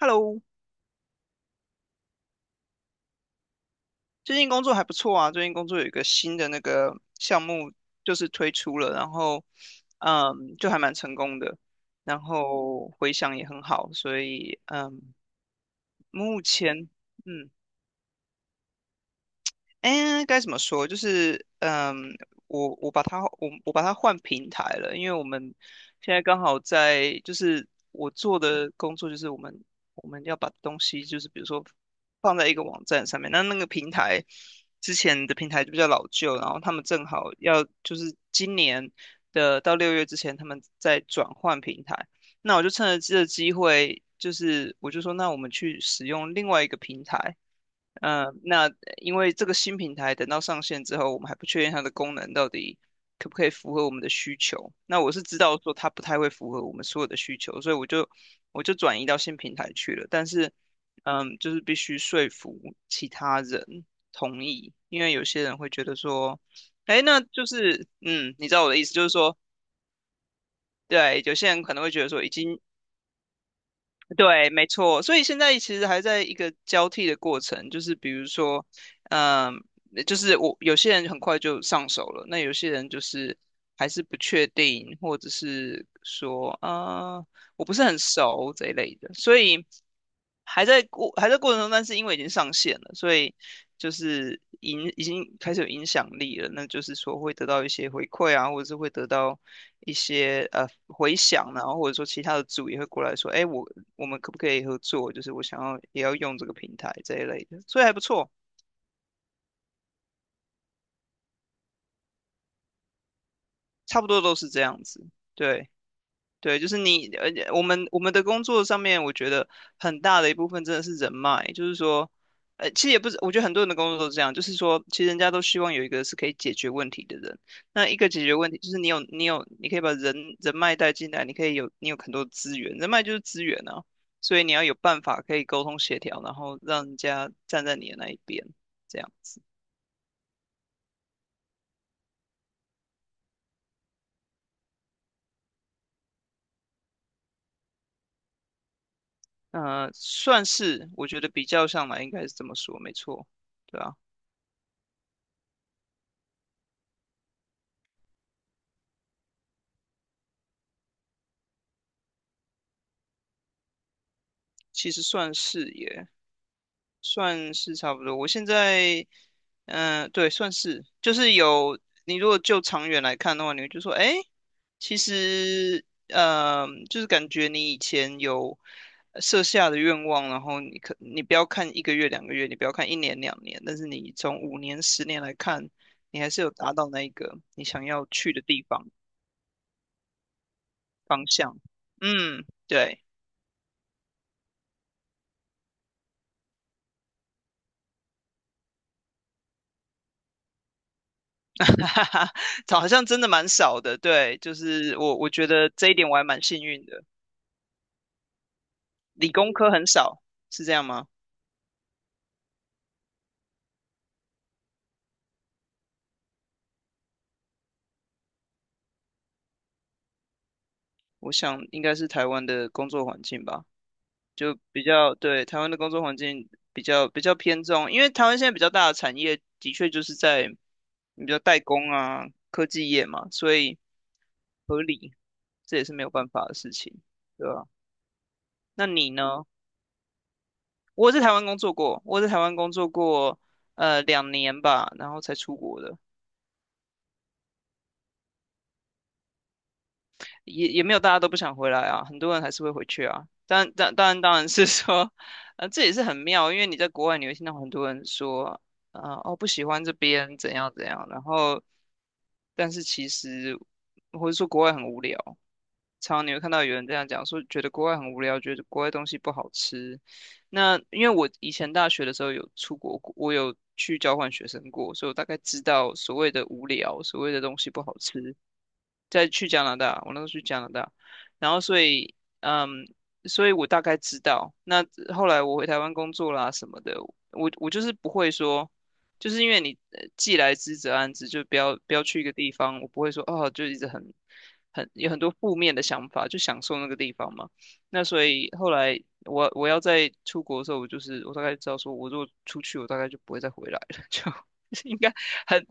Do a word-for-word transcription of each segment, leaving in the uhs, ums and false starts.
Hello，最近工作还不错啊。最近工作有一个新的那个项目，就是推出了，然后，嗯，就还蛮成功的，然后回响也很好，所以，嗯，目前，嗯，哎，该怎么说？就是，嗯，我我把它我我把它换平台了，因为我们现在刚好在，就是我做的工作就是我们我们要把东西，就是比如说放在一个网站上面，那那个平台之前的平台就比较老旧，然后他们正好要就是今年的到六月之前，他们在转换平台，那我就趁着这个机会，就是我就说，那我们去使用另外一个平台。嗯、呃那因为这个新平台等到上线之后，我们还不确定它的功能到底可不可以符合我们的需求。那我是知道说它不太会符合我们所有的需求，所以我就我就转移到新平台去了。但是，嗯，就是必须说服其他人同意，因为有些人会觉得说，哎，那就是，嗯，你知道我的意思，就是说，对，有些人可能会觉得说，已经对，没错，所以现在其实还在一个交替的过程，就是比如说，嗯，就是我有些人很快就上手了，那有些人就是还是不确定，或者是说，呃，我不是很熟这一类的，所以还在过还在过程中，但是因为已经上线了，所以就是影已经开始有影响力了，那就是说会得到一些回馈啊，或者是会得到一些呃回响啊，然后或者说其他的组也会过来说，哎，我我们可不可以合作？就是我想要也要用这个平台这一类的，所以还不错，差不多都是这样子。对对，就是你，而且我们我们的工作上面，我觉得很大的一部分真的是人脉，就是说，呃，其实也不是，我觉得很多人的工作都是这样，就是说，其实人家都希望有一个是可以解决问题的人。那一个解决问题，就是你有你有，你可以把人人脉带进来，你可以有你有很多资源，人脉就是资源啊，所以你要有办法可以沟通协调，然后让人家站在你的那一边，这样子。呃，算是，我觉得比较上来应该是这么说，没错，对啊，其实算是也算是差不多。我现在，嗯、对，算是，就是有你如果就长远来看的话，你会就说，哎，其实，嗯，就是感觉你以前有设下的愿望，然后你可你不要看一个月、两个月，你不要看一年、两年，但是你从五年、十年来看，你还是有达到那一个你想要去的地方方向。嗯，对。哈哈，好像真的蛮少的，对，就是我我觉得这一点我还蛮幸运的，理工科很少，是这样吗？我想应该是台湾的工作环境吧，就比较，对，台湾的工作环境比较比较偏重，因为台湾现在比较大的产业的确就是在你比较代工啊、科技业嘛，所以合理，这也是没有办法的事情，对吧？那你呢？我在台湾工作过，我在台湾工作过呃两年吧，然后才出国的。也也没有大家都不想回来啊，很多人还是会回去啊。当当当然当然是说，呃，这也是很妙，因为你在国外你会听到很多人说，呃，哦不喜欢这边怎样怎样，然后但是其实或者说国外很无聊，常你会看到有人这样讲说，觉得国外很无聊，觉得国外东西不好吃。那因为我以前大学的时候有出国过我有去交换学生过，所以我大概知道所谓的无聊，所谓的东西不好吃。再去加拿大，我那时候去加拿大，然后所以，嗯，所以我大概知道。那后来我回台湾工作啦什么的，我我就是不会说。就是因为你呃既来之则安之，就不要不要去一个地方，我不会说哦，就一直很很有很多负面的想法，就享受那个地方嘛。那所以后来我我要在出国的时候，我就是我大概知道说，我如果出去，我大概就不会再回来了，就应该很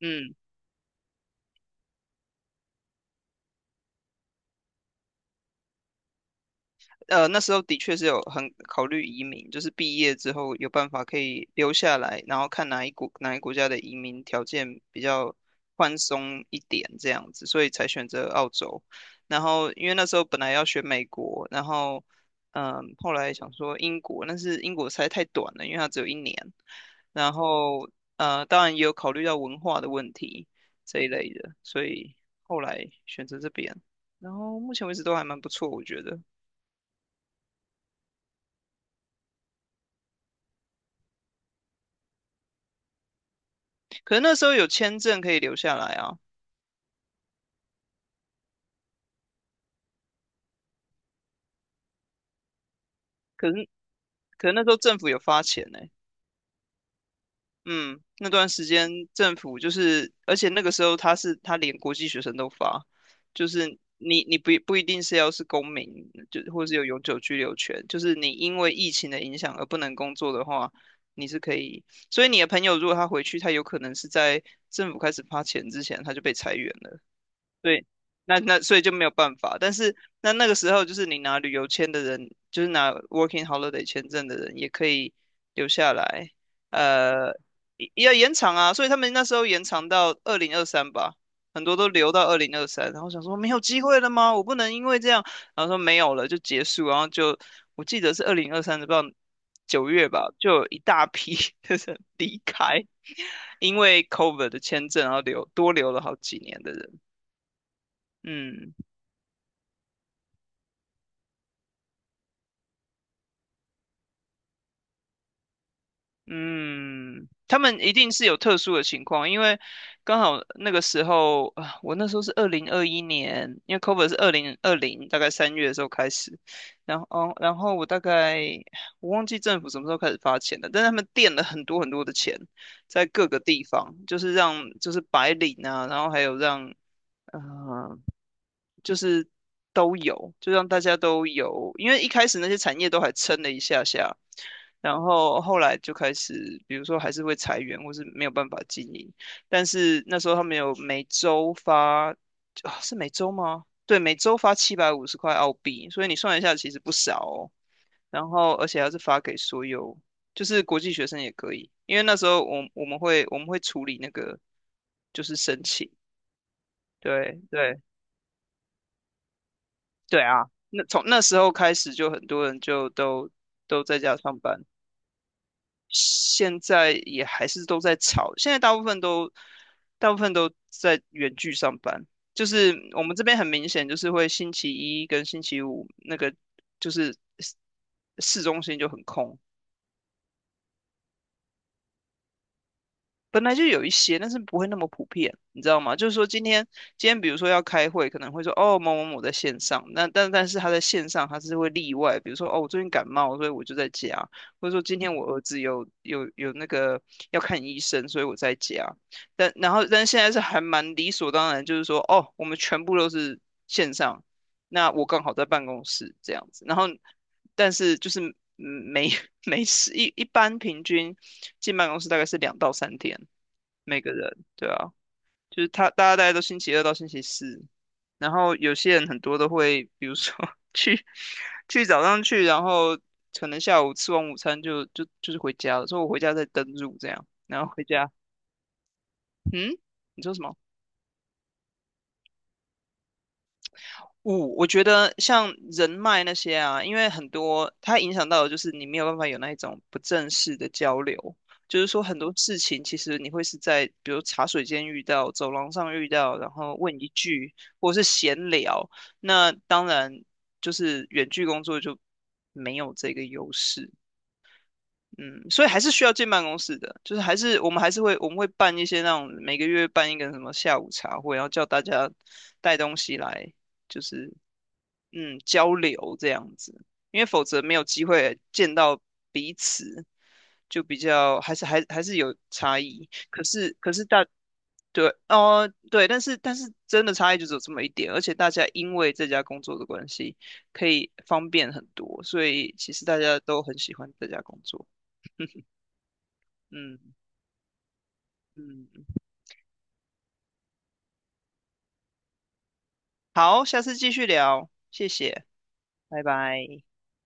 嗯。呃，那时候的确是有很考虑移民，就是毕业之后有办法可以留下来，然后看哪一国哪一国家的移民条件比较宽松一点这样子，所以才选择澳洲。然后因为那时候本来要选美国，然后嗯，后来想说英国，但是英国实在太短了，因为它只有一年。然后呃，当然也有考虑到文化的问题这一类的，所以后来选择这边。然后目前为止都还蛮不错，我觉得。可是那时候有签证可以留下来啊，可是可是那时候政府有发钱呢、嗯，那段时间政府就是，而且那个时候他是他连国际学生都发，就是你你不不一定是要是公民，就或是有永久居留权，就是你因为疫情的影响而不能工作的话，你是可以。所以你的朋友如果他回去，他有可能是在政府开始发钱之前他就被裁员了。对，那那所以就没有办法。但是那那个时候，就是你拿旅游签的人，就是拿 Working Holiday 签证的人，也可以留下来。呃，也也要延长啊，所以他们那时候延长到二零二三吧，很多都留到二零二三。然后想说没有机会了吗？我不能因为这样，然后说没有了就结束。然后就我记得是二零二三的，不知道九月吧，就有一大批 的人离开，因为 COVID 的签证，然后留多留了好几年的人。嗯嗯，他们一定是有特殊的情况，因为刚好那个时候啊，我那时候是二零二一年，因为 c o v e r 是二零二零，大概三月的时候开始，然后哦然后我大概我忘记政府什么时候开始发钱了，但是他们垫了很多很多的钱在各个地方，就是让就是白领啊，然后还有让。呃就是都有，就让大家都有，因为一开始那些产业都还撑了一下下，然后后来就开始，比如说还是会裁员，或是没有办法经营。但是那时候他们有每周发，啊是每周吗？对，每周发七百五十块澳币，所以你算一下，其实不少哦。然后而且还是发给所有，就是国际学生也可以，因为那时候我我们会我们会处理那个就是申请，对对。对啊，那从那时候开始，就很多人就都都在家上班，现在也还是都在吵。现在大部分都大部分都在远距上班，就是我们这边很明显，就是会星期一跟星期五那个就是市市中心就很空，本来就有一些，但是不会那么普遍，你知道吗？就是说今天今天比如说要开会，可能会说哦某某某在线上，那但但是他在线上他是会例外，比如说哦我最近感冒，所以我就在家，或者说今天我儿子有有有那个要看医生，所以我在家。但然后但是现在是还蛮理所当然，就是说哦我们全部都是线上，那我刚好在办公室这样子，然后但是就是嗯没 没事一一般平均。进办公室大概是两到三天，每个人，对啊，就是他大家大概都星期二到星期四，然后有些人很多都会，比如说 去去早上去，然后可能下午吃完午餐就就就是回家了，所以我回家再登入这样，然后回家，嗯，你说什么？我我觉得像人脉那些啊，因为很多它影响到的就是你没有办法有那一种不正式的交流，就是说很多事情其实你会是在比如茶水间遇到、走廊上遇到，然后问一句或是闲聊，那当然就是远距工作就没有这个优势。嗯，所以还是需要进办公室的，就是还是我们还是会我们会办一些那种每个月办一个什么下午茶会，然后叫大家带东西来，就是嗯交流这样子，因为否则没有机会见到彼此，就比较还是还还是有差异。可是可是大对哦对，但是但是真的差异就只有这么一点，而且大家因为这家工作的关系，可以方便很多，所以其实大家都很喜欢这家工作。嗯嗯，好，下次继续聊，谢谢，拜拜。